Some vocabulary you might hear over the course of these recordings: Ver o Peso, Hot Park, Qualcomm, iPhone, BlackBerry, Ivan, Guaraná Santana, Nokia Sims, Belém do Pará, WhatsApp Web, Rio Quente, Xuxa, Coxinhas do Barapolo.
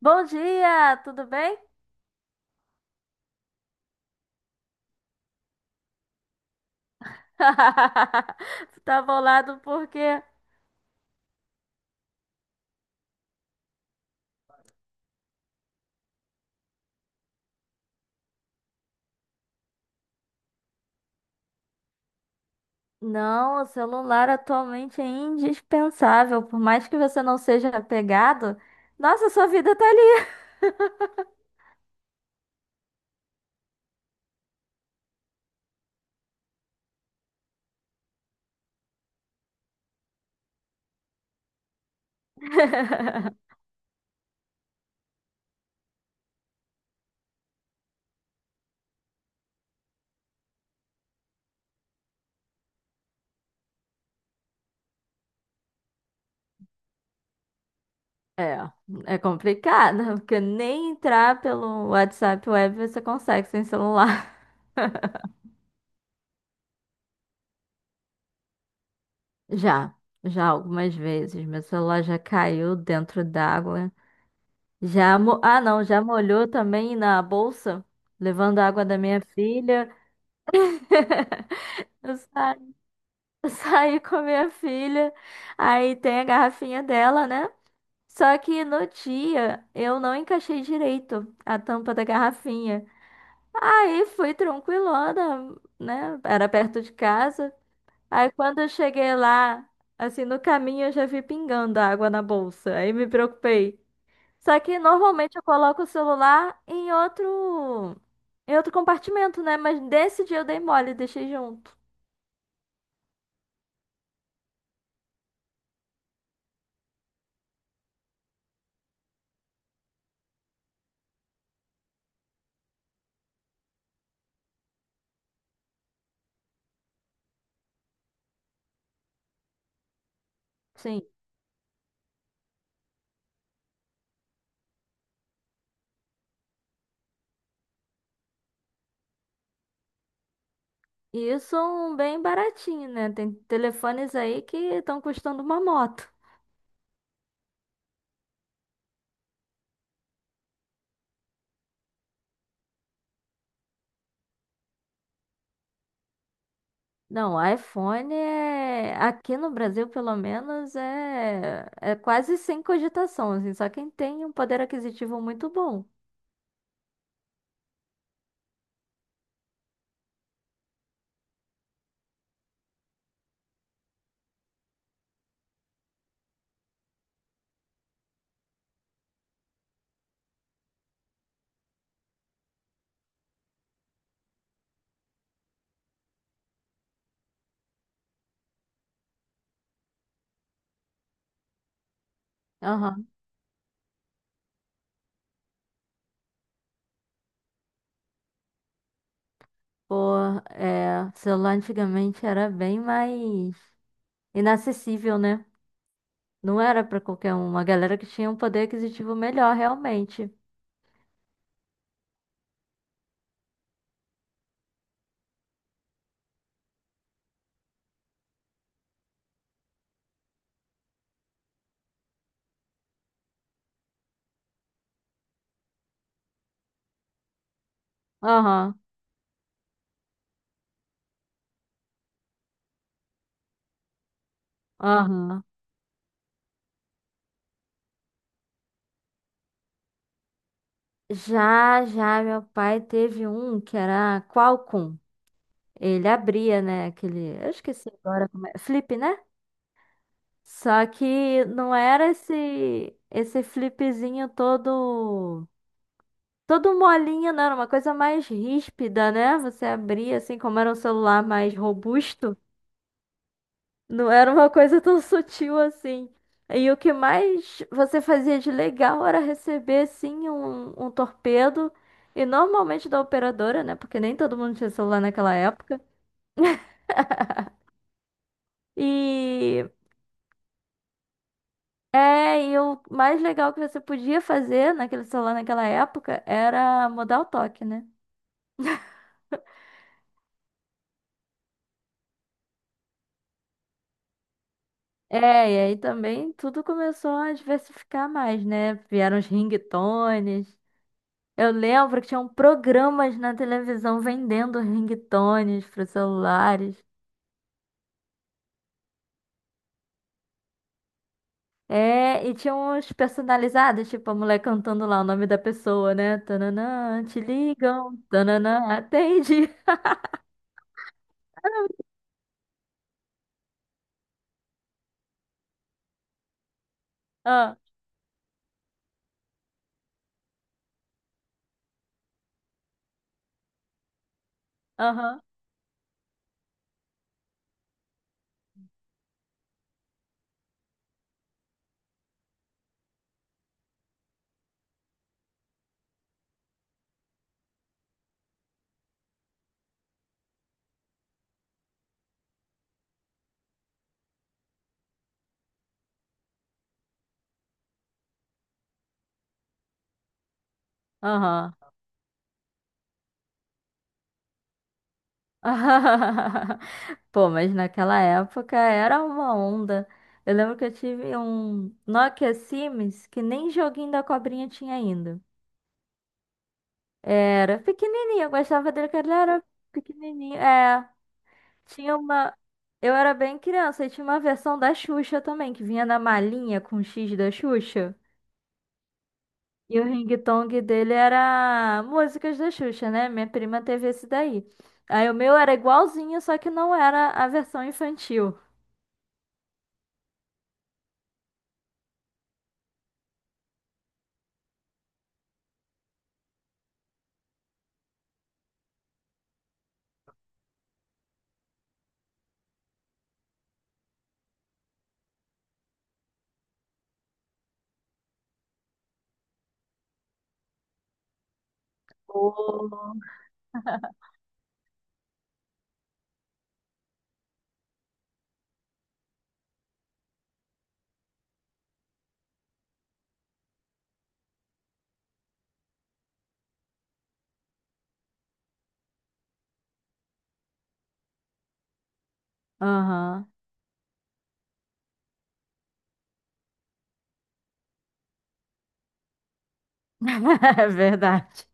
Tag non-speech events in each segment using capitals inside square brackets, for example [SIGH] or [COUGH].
Bom dia, tudo bem? [LAUGHS] Tu tá bolado porque não, o celular atualmente é indispensável, por mais que você não seja apegado. Nossa, sua vida tá ali. [LAUGHS] É, é complicado, porque nem entrar pelo WhatsApp Web você consegue sem celular. [LAUGHS] Já, já algumas vezes, meu celular já caiu dentro d'água. Já mo... Ah, não, já molhou também na bolsa, levando a água da minha filha. [LAUGHS] Eu sa- eu saí com a minha filha, aí tem a garrafinha dela, né? Só que no dia eu não encaixei direito a tampa da garrafinha. Aí fui tranquilona, né? Era perto de casa. Aí quando eu cheguei lá, assim, no caminho eu já vi pingando água na bolsa. Aí me preocupei. Só que normalmente eu coloco o celular em outro compartimento, né? Mas desse dia eu dei mole, deixei junto. Sim. E isso é um bem baratinho, né? Tem telefones aí que estão custando uma moto. Não, iPhone é, aqui no Brasil, pelo menos, é, é quase sem cogitação, assim, só quem tem um poder aquisitivo muito bom. Aham. Pô, é, celular antigamente era bem mais inacessível, né? Não era pra qualquer um, uma galera que tinha um poder aquisitivo melhor, realmente. Aham, aham. Já, já, meu pai teve um que era Qualcomm. Ele abria, né, aquele... Eu esqueci agora como é. Flip, né? Só que não era esse, esse flipzinho todo... Todo molinho, não, era uma coisa mais ríspida, né? Você abria, assim, como era um celular mais robusto. Não era uma coisa tão sutil assim. E o que mais você fazia de legal era receber, sim, um torpedo. E normalmente da operadora, né? Porque nem todo mundo tinha celular naquela época. E é, e o mais legal que você podia fazer naquele celular naquela época era mudar o toque, né? É, e aí também tudo começou a diversificar mais, né? Vieram os ringtones. Eu lembro que tinham programas na televisão vendendo ringtones para celulares. É, e tinha uns personalizados, tipo a mulher cantando lá o nome da pessoa, né? Tananã, te ligam, tananã, atende. [LAUGHS] Ah, aham, aham. [LAUGHS] Pô, mas naquela época era uma onda. Eu lembro que eu tive um Nokia Sims que nem joguinho da cobrinha tinha ainda. Era pequenininho, eu gostava dele, porque ele era pequenininho. É. Tinha uma. Eu era bem criança e tinha uma versão da Xuxa também, que vinha na malinha com o X da Xuxa. E o ringtone dele era músicas da Xuxa, né? Minha prima teve esse daí. Aí o meu era igualzinho, só que não era a versão infantil. Oh. Aham. [LAUGHS] É verdade.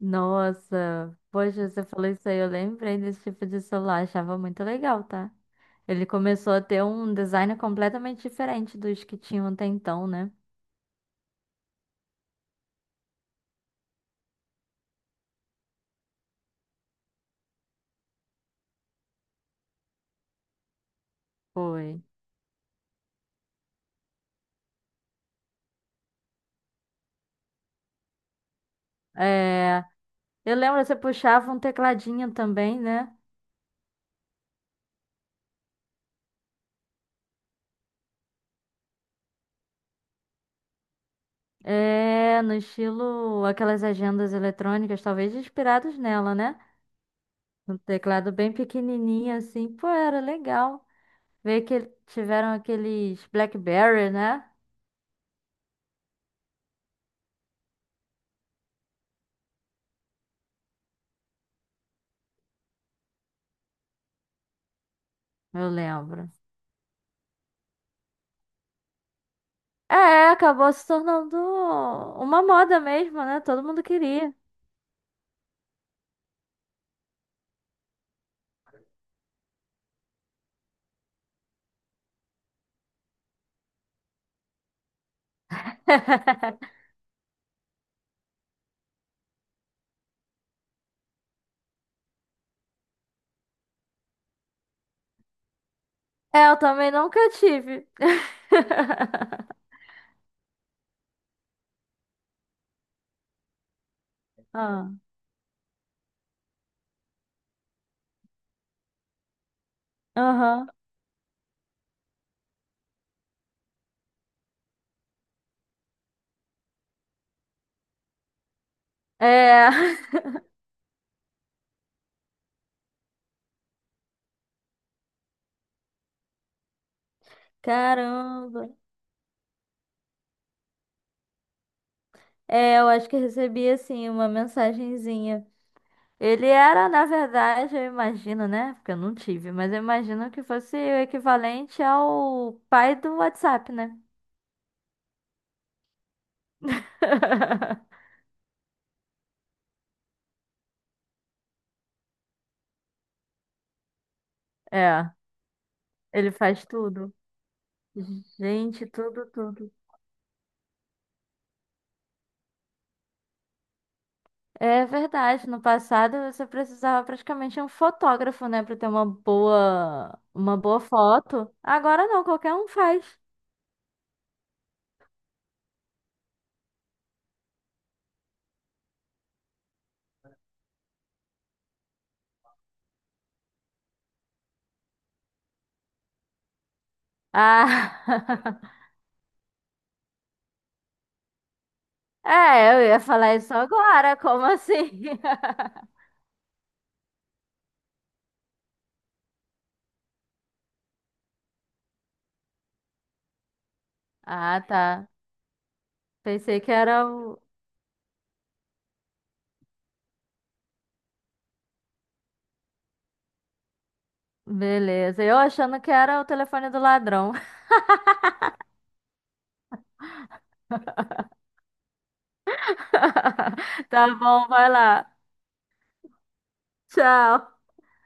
Nossa. Poxa, você falou isso aí, eu lembrei desse tipo de celular, achava muito legal, tá? Ele começou a ter um design completamente diferente dos que tinham até então, né? Foi. É, eu lembro, você puxava um tecladinho também, né? É, no estilo aquelas agendas eletrônicas, talvez inspirados nela, né? Um teclado bem pequenininho assim. Pô, era legal. Ver que tiveram aqueles BlackBerry, né? Eu lembro. É, acabou se tornando uma moda mesmo, né? Todo mundo queria. [LAUGHS] É, eu também nunca tive. [LAUGHS] Ah, aham. É. [LAUGHS] Caramba. É, eu acho que eu recebi assim uma mensagenzinha. Ele era, na verdade, eu imagino, né? Porque eu não tive, mas eu imagino que fosse o equivalente ao pai do WhatsApp, né? [LAUGHS] É, ele faz tudo. Gente, tudo, tudo. É verdade, no passado você precisava praticamente de um fotógrafo, né, para ter uma boa foto. Agora não, qualquer um faz. Ah, [LAUGHS] é, eu ia falar isso agora, como assim? [LAUGHS] Ah, tá. Pensei que era o. Beleza, eu achando que era o telefone do ladrão. [LAUGHS] Tá bom, vai lá. Tchau.